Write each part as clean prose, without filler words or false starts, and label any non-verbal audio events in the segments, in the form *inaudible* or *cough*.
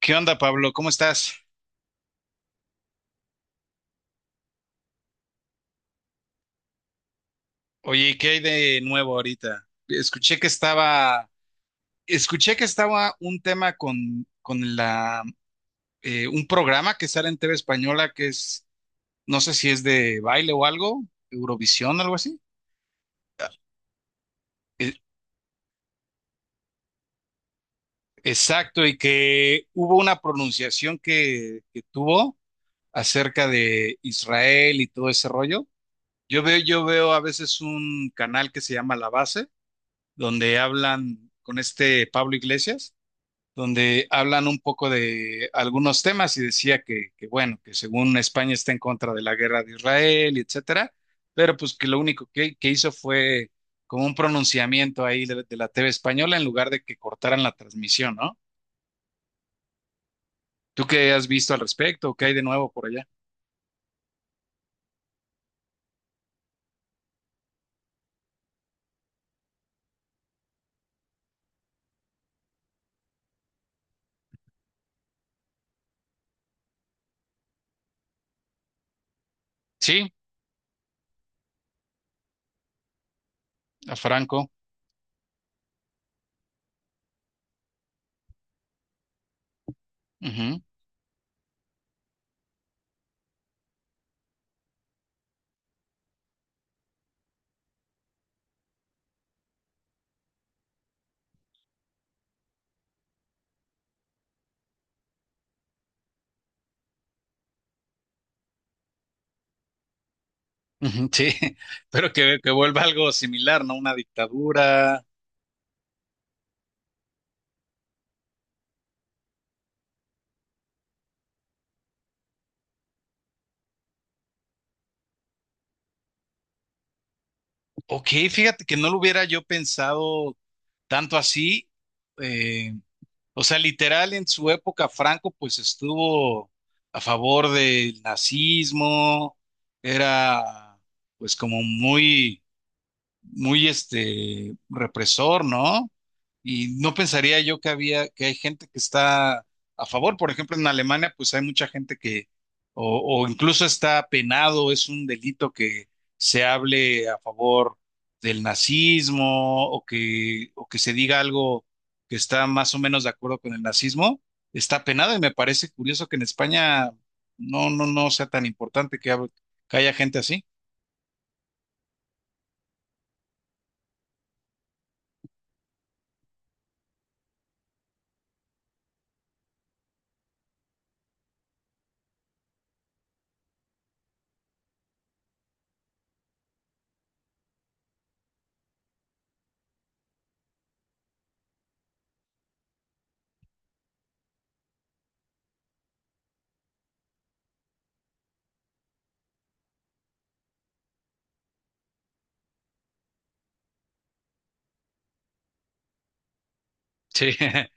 ¿Qué onda, Pablo? ¿Cómo estás? Oye, ¿qué hay de nuevo ahorita? Escuché que estaba un tema con la un programa que sale en TV Española no sé si es de baile o algo, Eurovisión, algo así. E- exacto, y que hubo una pronunciación que tuvo acerca de Israel y todo ese rollo. Yo veo a veces un canal que se llama La Base, donde hablan con este Pablo Iglesias, donde hablan un poco de algunos temas y decía bueno, que según España está en contra de la guerra de Israel, etcétera, pero pues que lo único que hizo fue como un pronunciamiento ahí de la TV española en lugar de que cortaran la transmisión, ¿no? ¿Tú qué has visto al respecto? ¿Qué hay de nuevo por allá? Sí, a Franco. Ujú. Ujú, sí, *laughs* pero que vuelva algo similar, ¿no? Una dictadura. Ok, fíjate que no lo hubiera yo pensado tanto así. O sea, literal en su época Franco pues estuvo a favor del nazismo, era pues como muy, muy este represor, ¿no? Y no pensaría yo que que hay gente que está a favor. Por ejemplo, en Alemania, pues hay mucha gente o incluso está penado, es un delito que se hable a favor del nazismo o que se diga algo que está más o menos de acuerdo con el nazismo, está penado. Y me parece curioso que en España no sea tan importante que haya gente así. Sí. *laughs*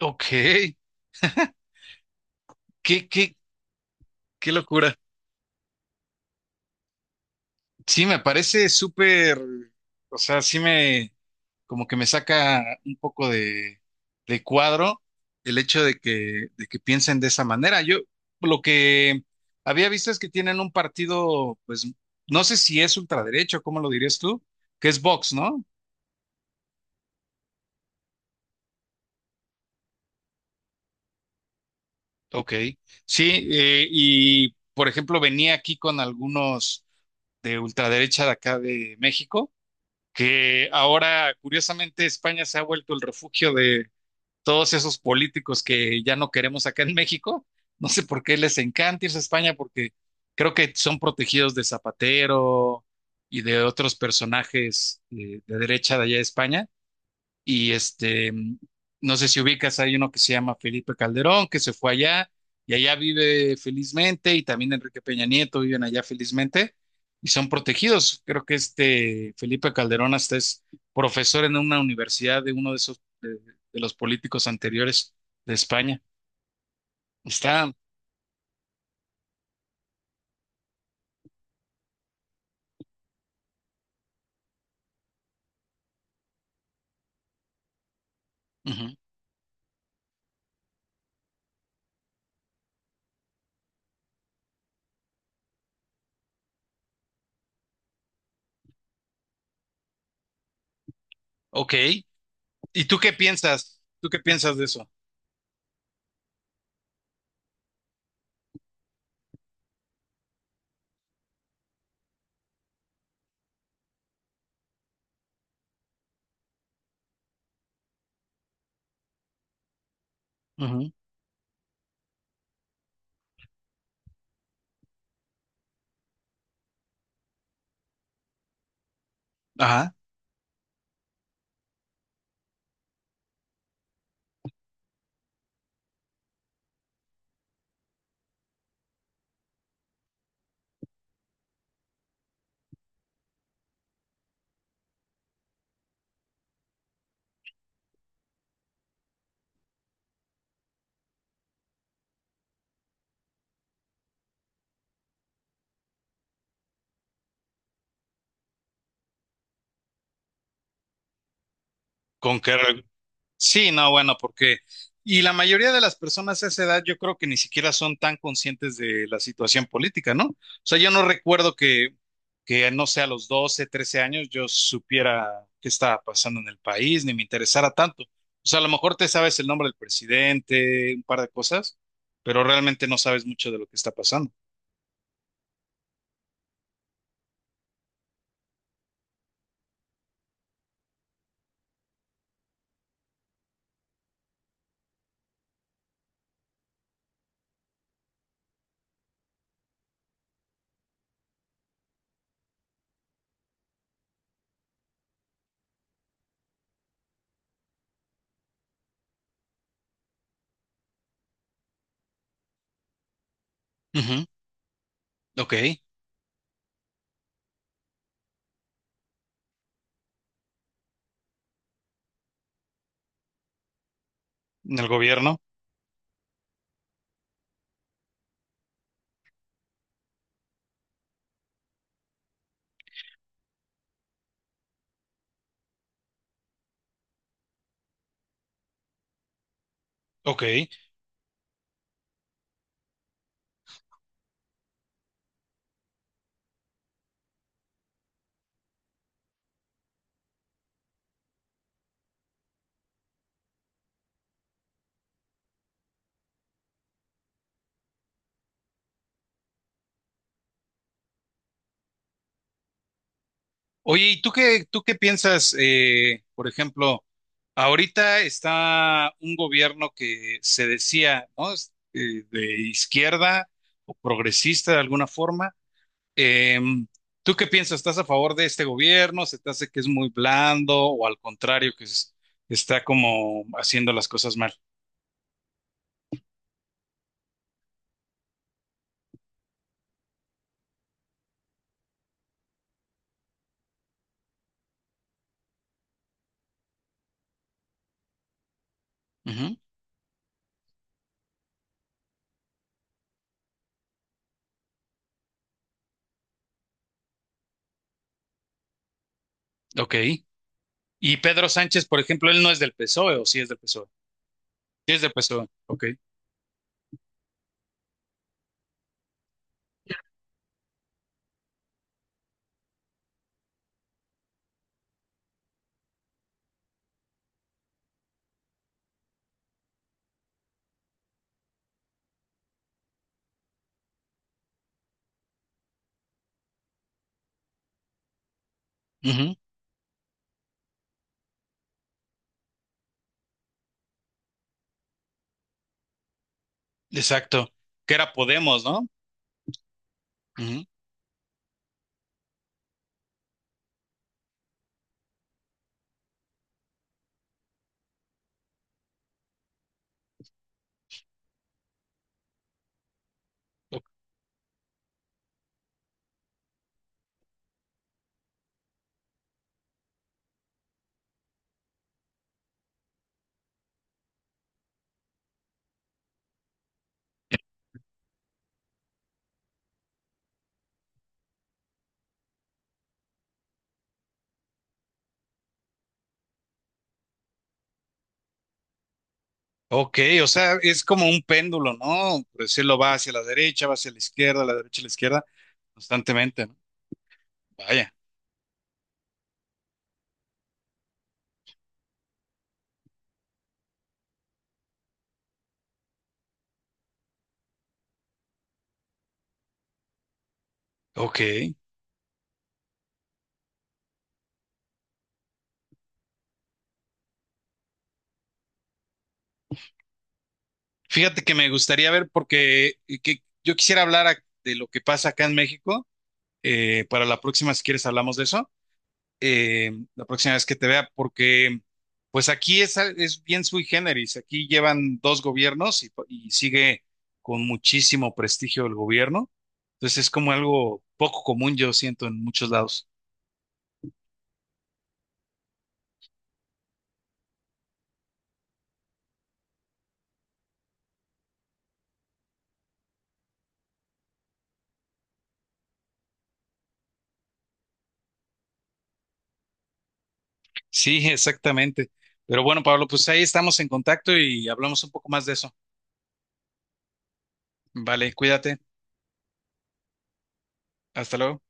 Ok. Qué, qué, Qué locura. Sí, me parece súper, o sea, sí me, como que me saca un poco de cuadro el hecho de que piensen de esa manera. Yo lo que había visto es que tienen un partido, pues, no sé si es ultraderecho, ¿cómo lo dirías tú? Que es Vox, ¿no? Ok, sí, y por ejemplo venía aquí con algunos de ultraderecha de acá de México, que ahora curiosamente España se ha vuelto el refugio todos esos políticos que ya no queremos acá en México, no sé por qué les encanta irse a España, porque creo que son protegidos de Zapatero y de otros personajes derecha de allá de España, y este, no sé si ubicas, hay uno que se llama Felipe Calderón, que se fue allá y allá vive felizmente, y también Enrique Peña Nieto viven allá felizmente y son protegidos. Creo que este Felipe Calderón hasta es profesor en una universidad de uno de esos, de los políticos anteriores de España. Está, ujú, ok. ¿Y tú qué piensas? ¿Tú qué piensas de eso? Ujú. Ajá. ¿Con qué? Sí, no, bueno, porque, y la mayoría de las personas a esa edad yo creo que ni siquiera son tan conscientes de la situación política, ¿no? O sea, yo no recuerdo que no sé, a los 12, 13 años yo supiera qué estaba pasando en el país, ni me interesara tanto. O sea, a lo mejor te sabes el nombre del presidente, un par de cosas, pero realmente no sabes mucho de lo que está pasando. Ujú. Ok, en el gobierno, ok. Oye, ¿y tú qué piensas, por ejemplo? Ahorita está un gobierno que se decía, ¿no? Es, de izquierda o progresista de alguna forma. Em, ¿tú qué piensas? ¿Estás a favor de este gobierno? ¿Se te hace que es muy blando o al contrario, está como haciendo las cosas mal? Ujú. Ok. Y Pedro Sánchez, por ejemplo, él no es del PSOE o sí es del PSOE. Sí es del PSOE. Ok. Ujú. Exacto. Que era Podemos, ¿no? Ujú. Ok, o sea, es como un péndulo, ¿no? Por decirlo, va hacia la derecha, va hacia la izquierda, la derecha, la izquierda, constantemente, ¿no? Vaya, ok. Fíjate que me gustaría ver, porque que yo quisiera de lo que pasa acá en México. Eh, para la próxima, si quieres, hablamos de eso. Eh, la próxima vez que te vea, porque pues aquí es, es bien sui generis. Aquí llevan dos gobiernos y sigue con muchísimo prestigio el gobierno. Entonces es como algo poco común, yo siento, en muchos lados. Sí, exactamente. Pero bueno, Pablo, pues ahí estamos en contacto y hablamos un poco más de eso. Vale, cuídate. Hasta luego.